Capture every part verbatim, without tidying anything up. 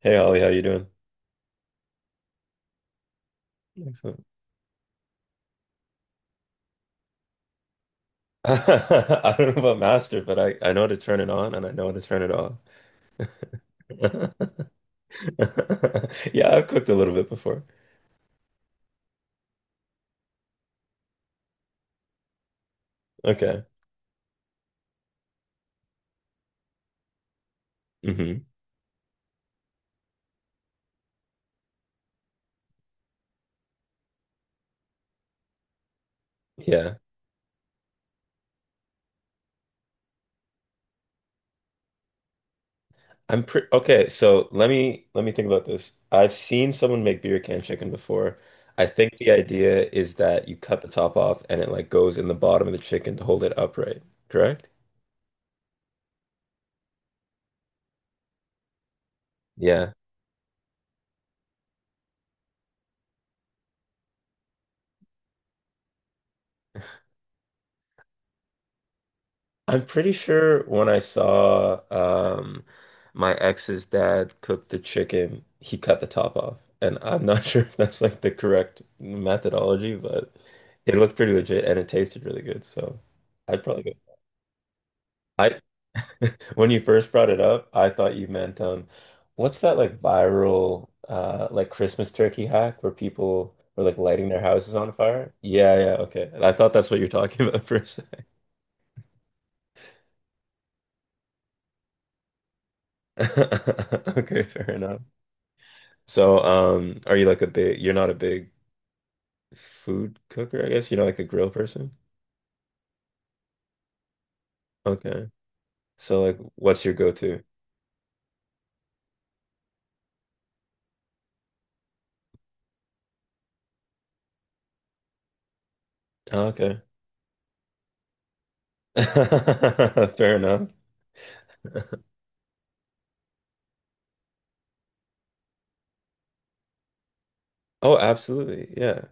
Hey Ollie, how you doing? Excellent. I don't know about master, but I, I know how to turn it on and I know how to turn it off. Yeah, I've cooked a little bit before. Okay. hmm Yeah. I'm pretty okay, so let me let me think about this. I've seen someone make beer can chicken before. I think the idea is that you cut the top off and it like goes in the bottom of the chicken to hold it upright, correct? Yeah. I'm pretty sure when I saw um, my ex's dad cook the chicken, he cut the top off. And I'm not sure if that's like the correct methodology, but it looked pretty legit and it tasted really good. So I'd probably go. I When you first brought it up, I thought you meant um, what's that like viral uh like Christmas turkey hack where people were like lighting their houses on fire? Yeah, yeah, okay. I thought that's what you're talking about for a second. Okay, fair enough. So, um, are you like a big, you're not a big food cooker, I guess? You're not like a grill person? Okay. So like, what's your go-to? Oh, okay. Fair enough. Oh, absolutely. Yeah.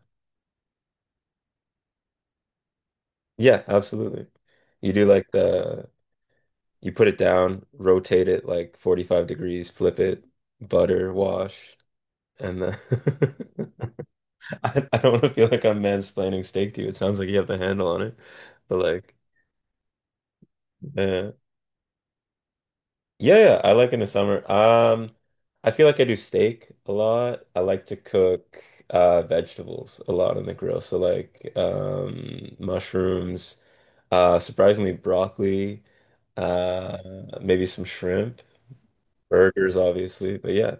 Yeah, absolutely. You do like the, you put it down, rotate it like forty-five degrees, flip it, butter, wash, and then I, I don't want to feel like I'm mansplaining steak to you. It sounds like you have the handle on it, but like, yeah. Yeah, yeah, I like in the summer. Um, I feel like I do steak a lot. I like to cook uh vegetables a lot on the grill. So like um mushrooms, uh surprisingly broccoli, uh maybe some shrimp, burgers obviously. But yeah.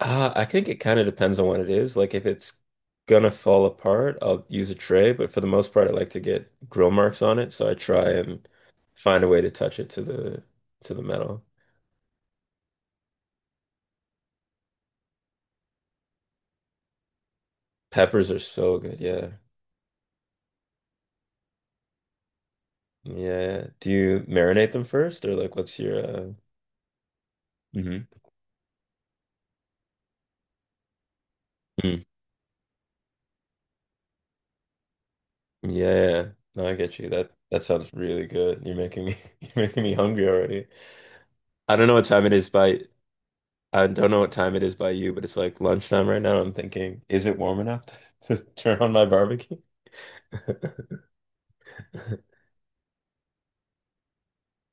Uh I think it kind of depends on what it is. Like if it's gonna fall apart, I'll use a tray, but for the most part I like to get grill marks on it, so I try and find a way to touch it to the to the metal. Peppers are so good. Yeah. Yeah. Do you marinate them first or like what's your uh Mhm. Mm. Yeah. yeah, yeah. No, I get you. That that sounds really good. You're making me you're making me hungry already. I don't know what time it is by I don't know what time it is by you, but it's like lunchtime right now. I'm thinking, is it warm enough to, turn on my barbecue?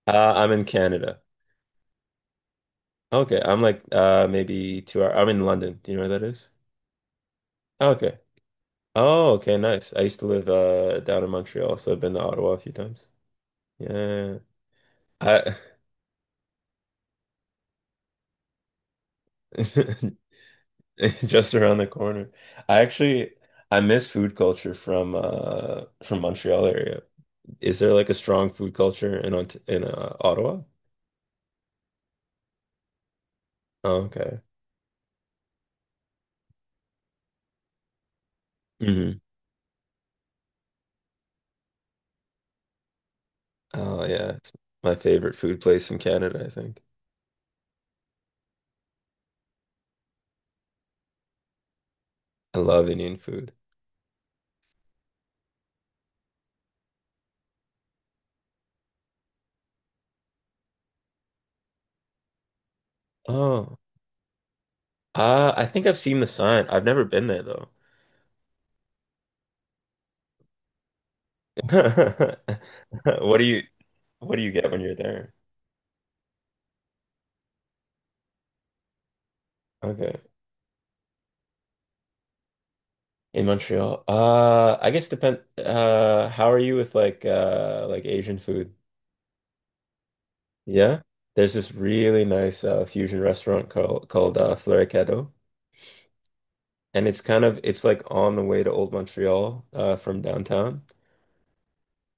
Uh, I'm in Canada. Okay, I'm like uh maybe two hour. I'm in London. Do you know where that is? Okay. Oh, okay, nice. I used to live uh down in Montreal, so I've been to Ottawa a few times. Yeah. I Just around the corner. I actually I miss food culture from uh from Montreal area. Is there like a strong food culture in Ont in uh, Ottawa? Oh, okay. hmm Oh yeah, it's my favorite food place in Canada, I think. I love Indian food. Oh. Uh I think I've seen the sign. I've never been there though. What do you what do you get when you're there? Okay. In Montreal. Uh, I guess depend uh how are you with like uh like Asian food? Yeah. There's this really nice uh fusion restaurant called called uh Floricadeau. And it's kind of it's like on the way to Old Montreal uh from downtown.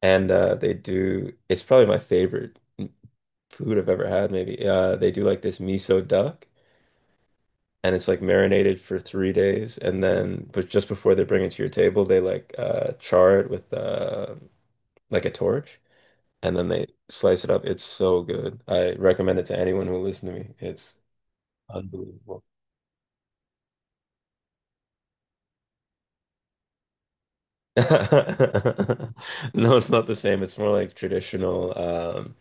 And uh they do it's probably my favorite food I've ever had maybe. Uh they do like this miso duck and it's like marinated for three days and then but just before they bring it to your table they like uh char it with uh like a torch and then they slice it up. It's so good. I recommend it to anyone who listens to me. It's unbelievable. No, it's not the same. It's more like traditional, um,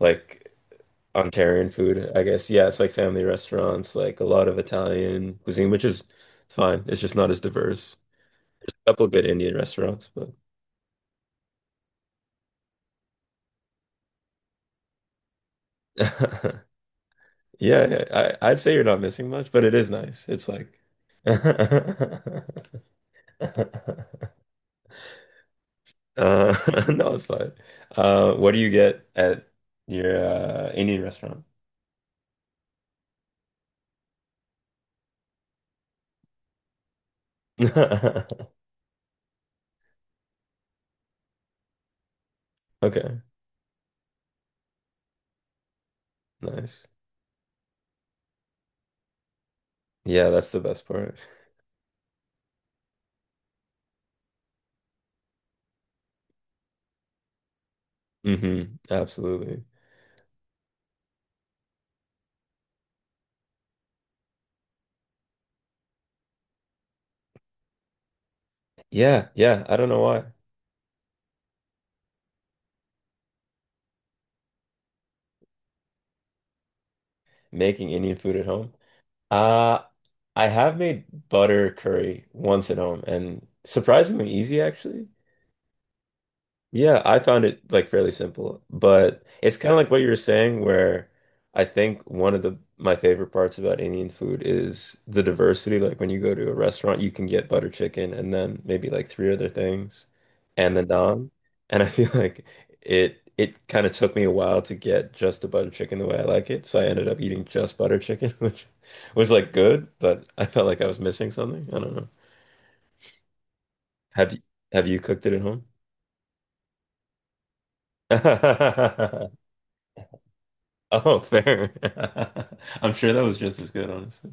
like Ontarian food, I guess. Yeah, it's like family restaurants, like a lot of Italian cuisine, which is fine. It's just not as diverse. A couple good Indian restaurants, but yeah, yeah, I, I'd say you're not missing much, but it is nice. It's like Uh, no, it's fine. Uh, what do you get at your uh, Indian restaurant? Okay, nice. Yeah, that's the best part. hmm Absolutely. Yeah, yeah. I don't know why making Indian food at home. Uh, I have made butter curry once at home, and surprisingly easy actually. Yeah, I found it like fairly simple, but it's kind of like what you were saying, where I think one of the my favorite parts about Indian food is the diversity. Like when you go to a restaurant, you can get butter chicken and then maybe like three other things and the naan. And I feel like it it kind of took me a while to get just the butter chicken the way I like it. So I ended up eating just butter chicken, which was like good, but I felt like I was missing something. I don't know. Have you have you cooked it at home? Oh, fair. I'm sure that was just as good, honestly.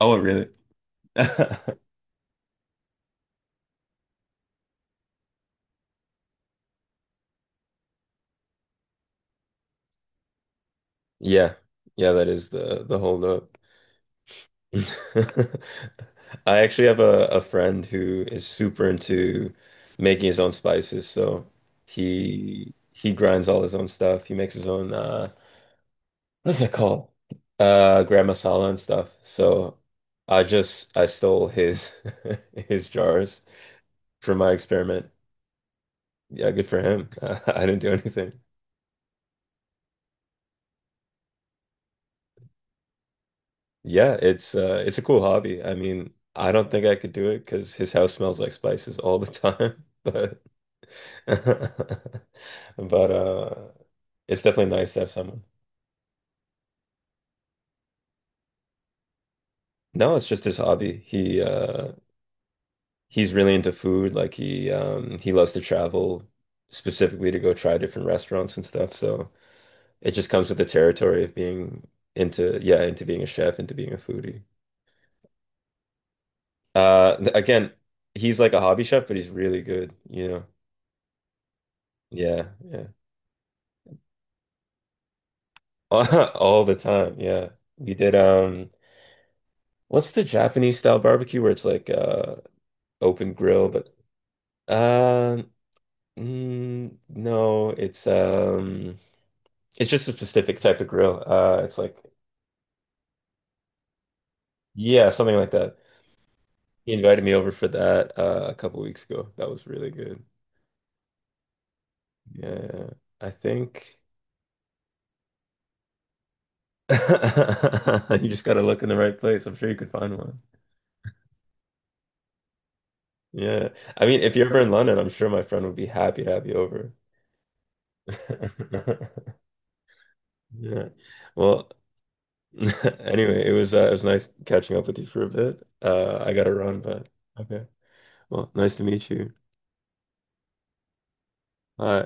Oh, it really? Yeah. Yeah, that is the the hold up. I actually have a, a friend who is super into making his own spices, so he he grinds all his own stuff. He makes his own uh what's it called? Uh, gram masala and stuff. So I just I stole his his jars for my experiment. Yeah, good for him. I didn't do anything. Yeah, it's uh it's a cool hobby. I mean, I don't think I could do it because his house smells like spices all the time. But but uh it's definitely nice to have someone. No, it's just his hobby. He uh he's really into food. Like he um he loves to travel specifically to go try different restaurants and stuff. So it just comes with the territory of being into yeah, into being a chef, into being a foodie. Uh th- again, he's like a hobby chef, but he's really good, you know. Yeah, yeah. All the time, yeah. We did um what's the Japanese style barbecue where it's like uh open grill but uh mm, no, it's um it's just a specific type of grill. Uh it's like yeah, something like that. He invited me over for that uh, a couple weeks ago. That was really good. Yeah. I think you just gotta look in the right place. I'm sure you could find one. Yeah. I mean, if you're ever in London, I'm sure my friend would be happy to have you over. Yeah. Well, anyway, it was uh, it was nice catching up with you for a bit. Uh, I gotta run, but okay. Well, nice to meet you. Bye.